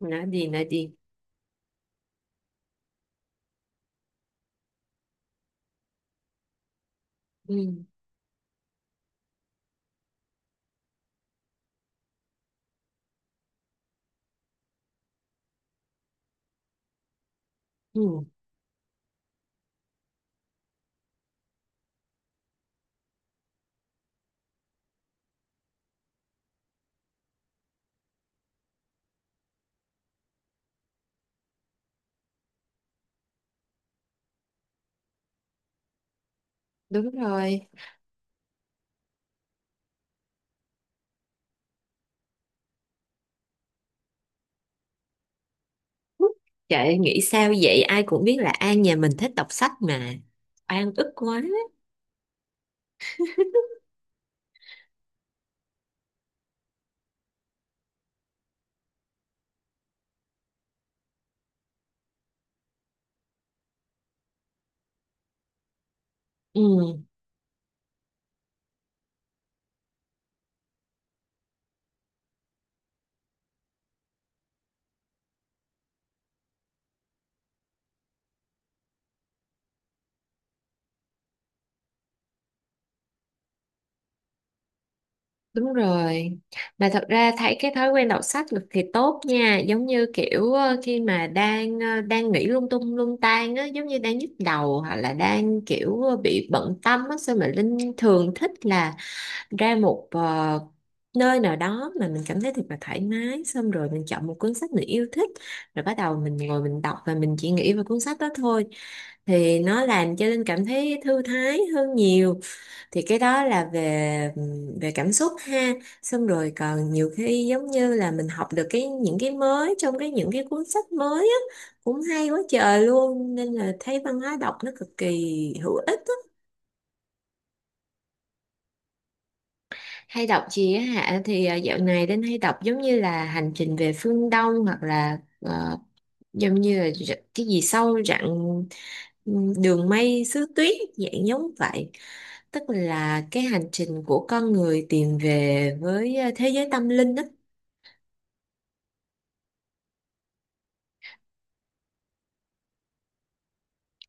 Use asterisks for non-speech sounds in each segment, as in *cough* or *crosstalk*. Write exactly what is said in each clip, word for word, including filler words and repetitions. nói gì nói gì ừ, ừ, Đúng rồi. Trời, nghĩ sao vậy? Ai cũng biết là An nhà mình thích đọc sách mà. An ức quá. ừ, Đúng rồi, mà thật ra thấy cái thói quen đọc sách cực kỳ tốt nha, giống như kiểu ờ, khi mà đang ờ, đang nghĩ lung tung lung tan á, giống như đang nhức đầu hoặc là đang kiểu ờ, bị bận tâm á, sao mà Linh thường thích là ra một ờ, nơi nào đó mà mình cảm thấy thật là thoải mái, xong rồi mình chọn một cuốn sách mình yêu thích, rồi bắt đầu mình ngồi mình đọc và mình chỉ nghĩ về cuốn sách đó thôi, thì nó làm cho Linh cảm thấy thư thái hơn nhiều. Thì cái đó là về về cảm xúc ha. Xong rồi còn nhiều khi giống như là mình học được cái những cái mới trong cái những cái cuốn sách mới á, cũng hay quá trời luôn, nên là thấy văn hóa đọc nó cực kỳ hữu ích. Hay đọc gì á hả? Thì à, dạo này đến hay đọc giống như là Hành trình về phương Đông, hoặc là ờ, giống như là r- cái gì sâu rặng, Đường mây xứ tuyết, dạng giống vậy. Tức là cái hành trình của con người tìm về với ờ, thế giới tâm linh đó.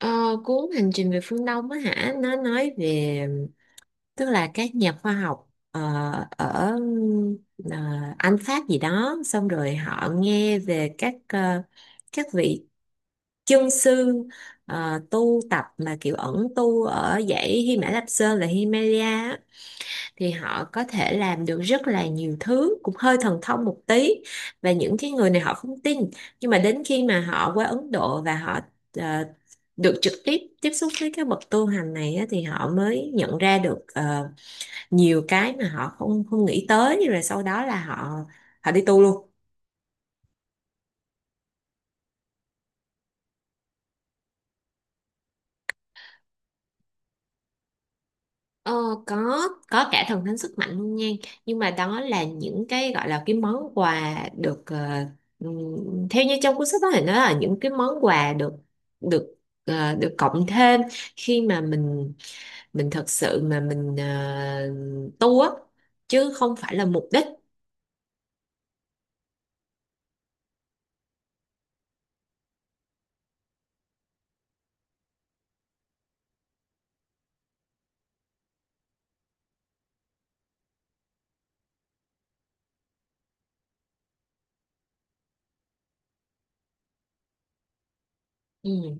Ờ, Cuốn Hành trình về phương Đông á hả, nó nói về, tức là các nhà khoa học ờ, ở ờ, Anh, Pháp gì đó, xong rồi họ nghe về các ờ, các vị chân sư ờ, tu tập mà kiểu ẩn tu ở dãy Hy Mã Lạp Sơn, là Himalaya á, thì họ có thể làm được rất là nhiều thứ, cũng hơi thần thông một tí. Và những cái người này họ không tin, nhưng mà đến khi mà họ qua Ấn Độ và họ ờ, được trực tiếp tiếp xúc với các bậc tu hành này á, thì họ mới nhận ra được ờ, nhiều cái mà họ không không nghĩ tới, rồi sau đó là họ họ đi tu luôn. Ờ, có có cả thần thánh sức mạnh luôn nha, nhưng mà đó là những cái gọi là cái món quà được ờ, ừm, theo như trong cuốn sách đó thì nó là những cái món quà được được ờ, được cộng thêm khi mà mình mình thật sự mà mình ờ, tu á, chứ không phải là mục đích. Ừ.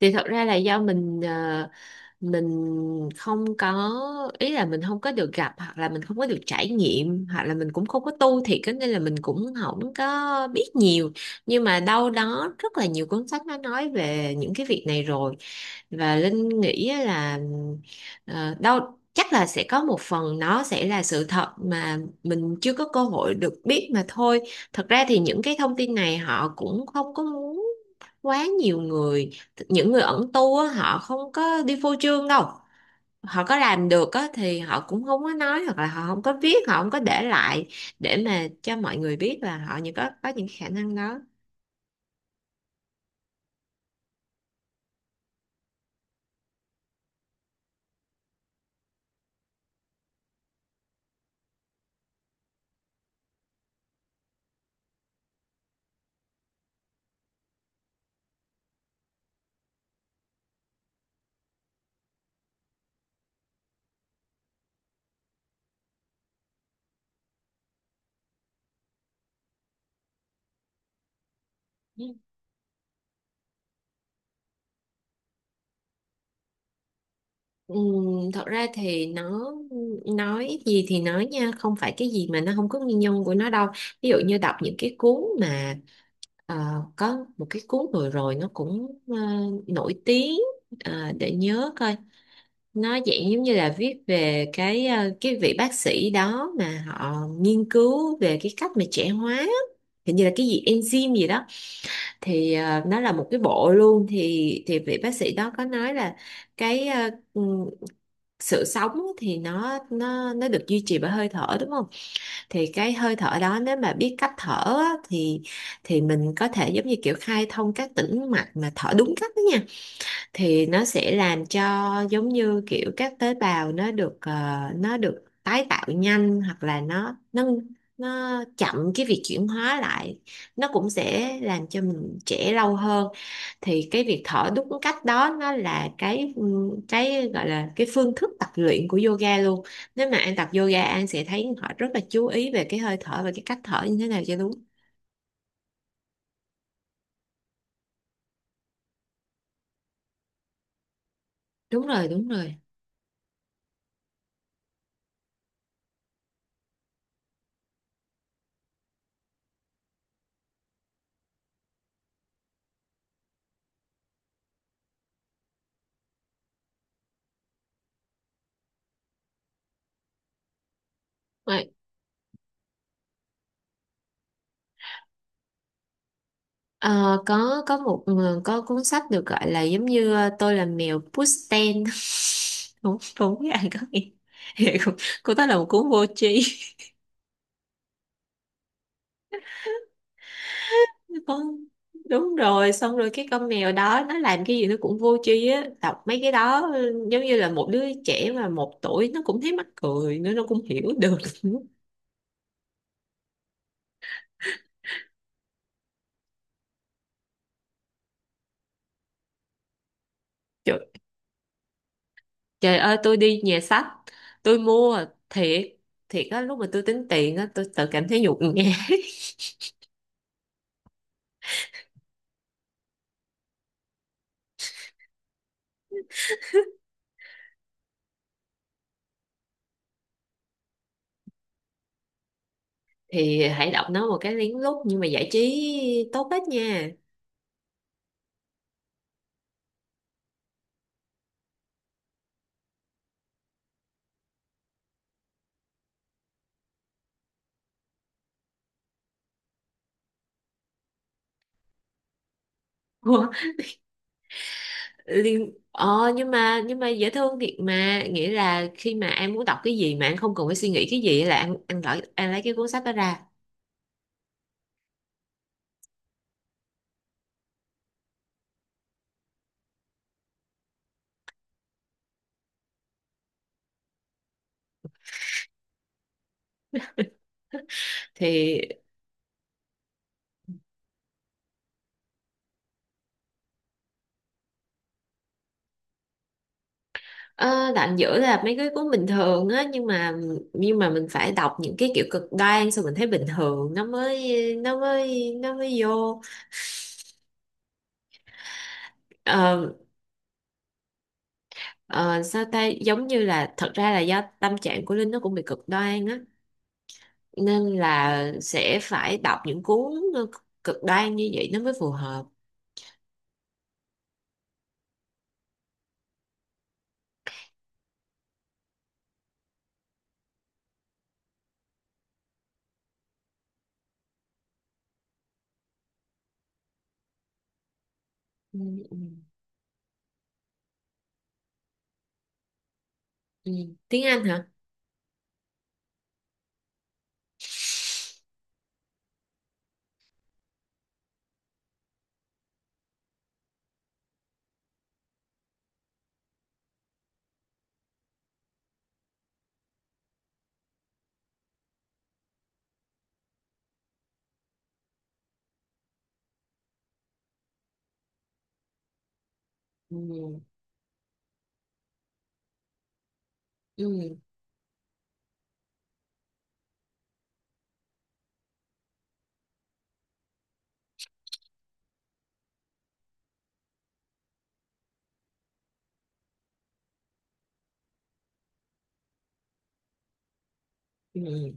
Thì thật ra là do mình ờ, mình không có, ý là mình không có được gặp, hoặc là mình không có được trải nghiệm, hoặc là mình cũng không có tu thiệt á, nên là mình cũng không có biết nhiều. Nhưng mà đâu đó rất là nhiều cuốn sách nó nói về những cái việc này rồi, và Linh nghĩ á là ờ, đâu chắc là sẽ có một phần nó sẽ là sự thật mà mình chưa có cơ hội được biết mà thôi. Thật ra thì những cái thông tin này họ cũng không có muốn quá nhiều người, những người ẩn tu á, họ không có đi phô trương đâu, họ có làm được á, thì họ cũng không có nói, hoặc là họ không có viết, họ không có để lại để mà cho mọi người biết là họ, những có có những khả năng đó. Ừm, thật ra thì nó, nói gì thì nói nha, không phải cái gì mà nó không có nguyên nhân của nó đâu. Ví dụ như đọc những cái cuốn mà ờ, có một cái cuốn vừa rồi nó cũng ờ, nổi tiếng. Ờ, để nhớ coi, nó dạng giống như là viết về cái ờ, cái vị bác sĩ đó mà họ nghiên cứu về cái cách mà trẻ hóa á. Hình như là cái gì enzyme gì đó, thì ờ, nó là một cái bộ luôn, thì thì vị bác sĩ đó có nói là cái ờ, ừm, sự sống thì nó nó nó được duy trì bởi hơi thở đúng không, thì cái hơi thở đó nếu mà biết cách thở á, thì thì mình có thể giống như kiểu khai thông các tĩnh mạch mà thở đúng cách đó nha, thì nó sẽ làm cho, giống như kiểu các tế bào nó được ờ, nó được tái tạo nhanh, hoặc là nó nó nó chậm cái việc chuyển hóa lại, nó cũng sẽ làm cho mình trẻ lâu hơn. Thì cái việc thở đúng cách đó nó là cái cái gọi là cái phương thức tập luyện của yoga luôn. Nếu mà An tập yoga, An sẽ thấy họ rất là chú ý về cái hơi thở và cái cách thở như thế nào cho đúng. Đúng rồi đúng rồi Ờ, có có một, ờ, có cuốn sách được gọi là giống như ờ, Tôi là mèo Pushten. *laughs* Đúng, đúng với ai có nghĩa. *laughs* Vậy cô, cô đó là một cuốn vô tri. *laughs* Con- Đúng rồi, xong rồi cái con mèo đó nó làm cái gì nó cũng vô tri á, đọc mấy cái đó ừ, giống như là một đứa trẻ mà một tuổi nó cũng thấy mắc cười, nữa nó cũng hiểu được. *laughs* Trời, trời ơi, tôi đi nhà sách tôi mua thiệt, thiệt á, lúc mà tôi tính tiền á tôi tự cảm thấy nhục nhã. Thì hãy đọc nó một cái lén lút, nhưng mà giải trí tốt hết nha. Ủa, liên ờ, nhưng mà nhưng mà dễ thương thiệt mà, nghĩa là khi mà em muốn đọc cái gì mà em không cần phải suy nghĩ cái gì là ăn ăn lấy ăn lấy cái cuốn sách đó ra. Thì ờ, đoạn giữa là mấy cái cuốn bình thường á, nhưng mà nhưng mà mình phải đọc những cái kiểu cực đoan, xong mình thấy bình thường nó mới, nó mới nó mới vô. Ờ, ờ, Sao ta, giống như là thật ra là do tâm trạng của Linh nó cũng bị cực đoan á, nên là sẽ phải đọc những cuốn ờ, cực đoan như vậy nó mới phù hợp. ừ, ừ, ừ. Tiếng Anh hả? ừ, ừ, ừ.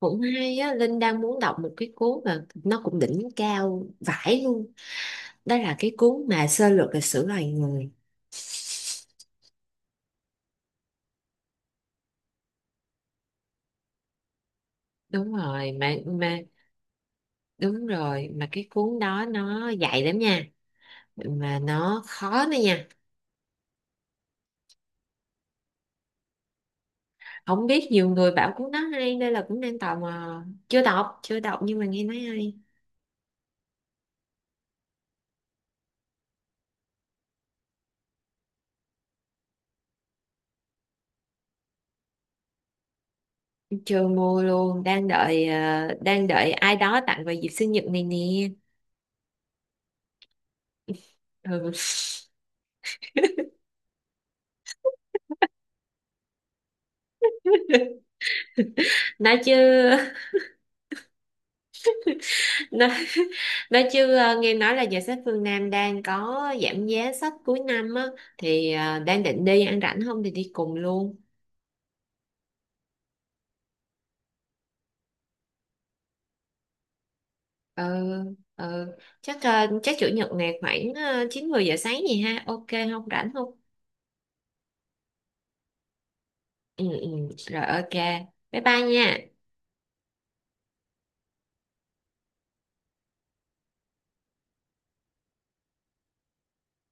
Cũng hay á, Linh đang muốn đọc một cái cuốn mà nó cũng đỉnh cao vãi luôn, đó là cái cuốn mà Sơ lược lịch sử loài người. Đúng rồi, mà mà đúng rồi, mà cái cuốn đó nó dạy lắm nha, mà nó khó nữa nha. Không biết, nhiều người bảo cuốn đó hay nên là cũng đang tò mò, chưa đọc chưa đọc nhưng mà nghe nói hay. Chưa mua luôn, đang đợi ờ, đang đợi ai đó tặng vào dịp sinh nhật này nè. Ừ. *laughs* Nói chứ. nói, nói chứ, ờ, nghe nói là giờ Sách Phương Nam đang có giảm giá sách cuối năm á, thì ờ, đang định đi ăn rảnh không thì đi cùng luôn. ừ, ừ. Chắc ờ, chắc chủ nhật này khoảng ờ, chín mười giờ sáng gì ha, ok? Không, rảnh không? Ừ, ừ. Rồi, ok, bye bye nha.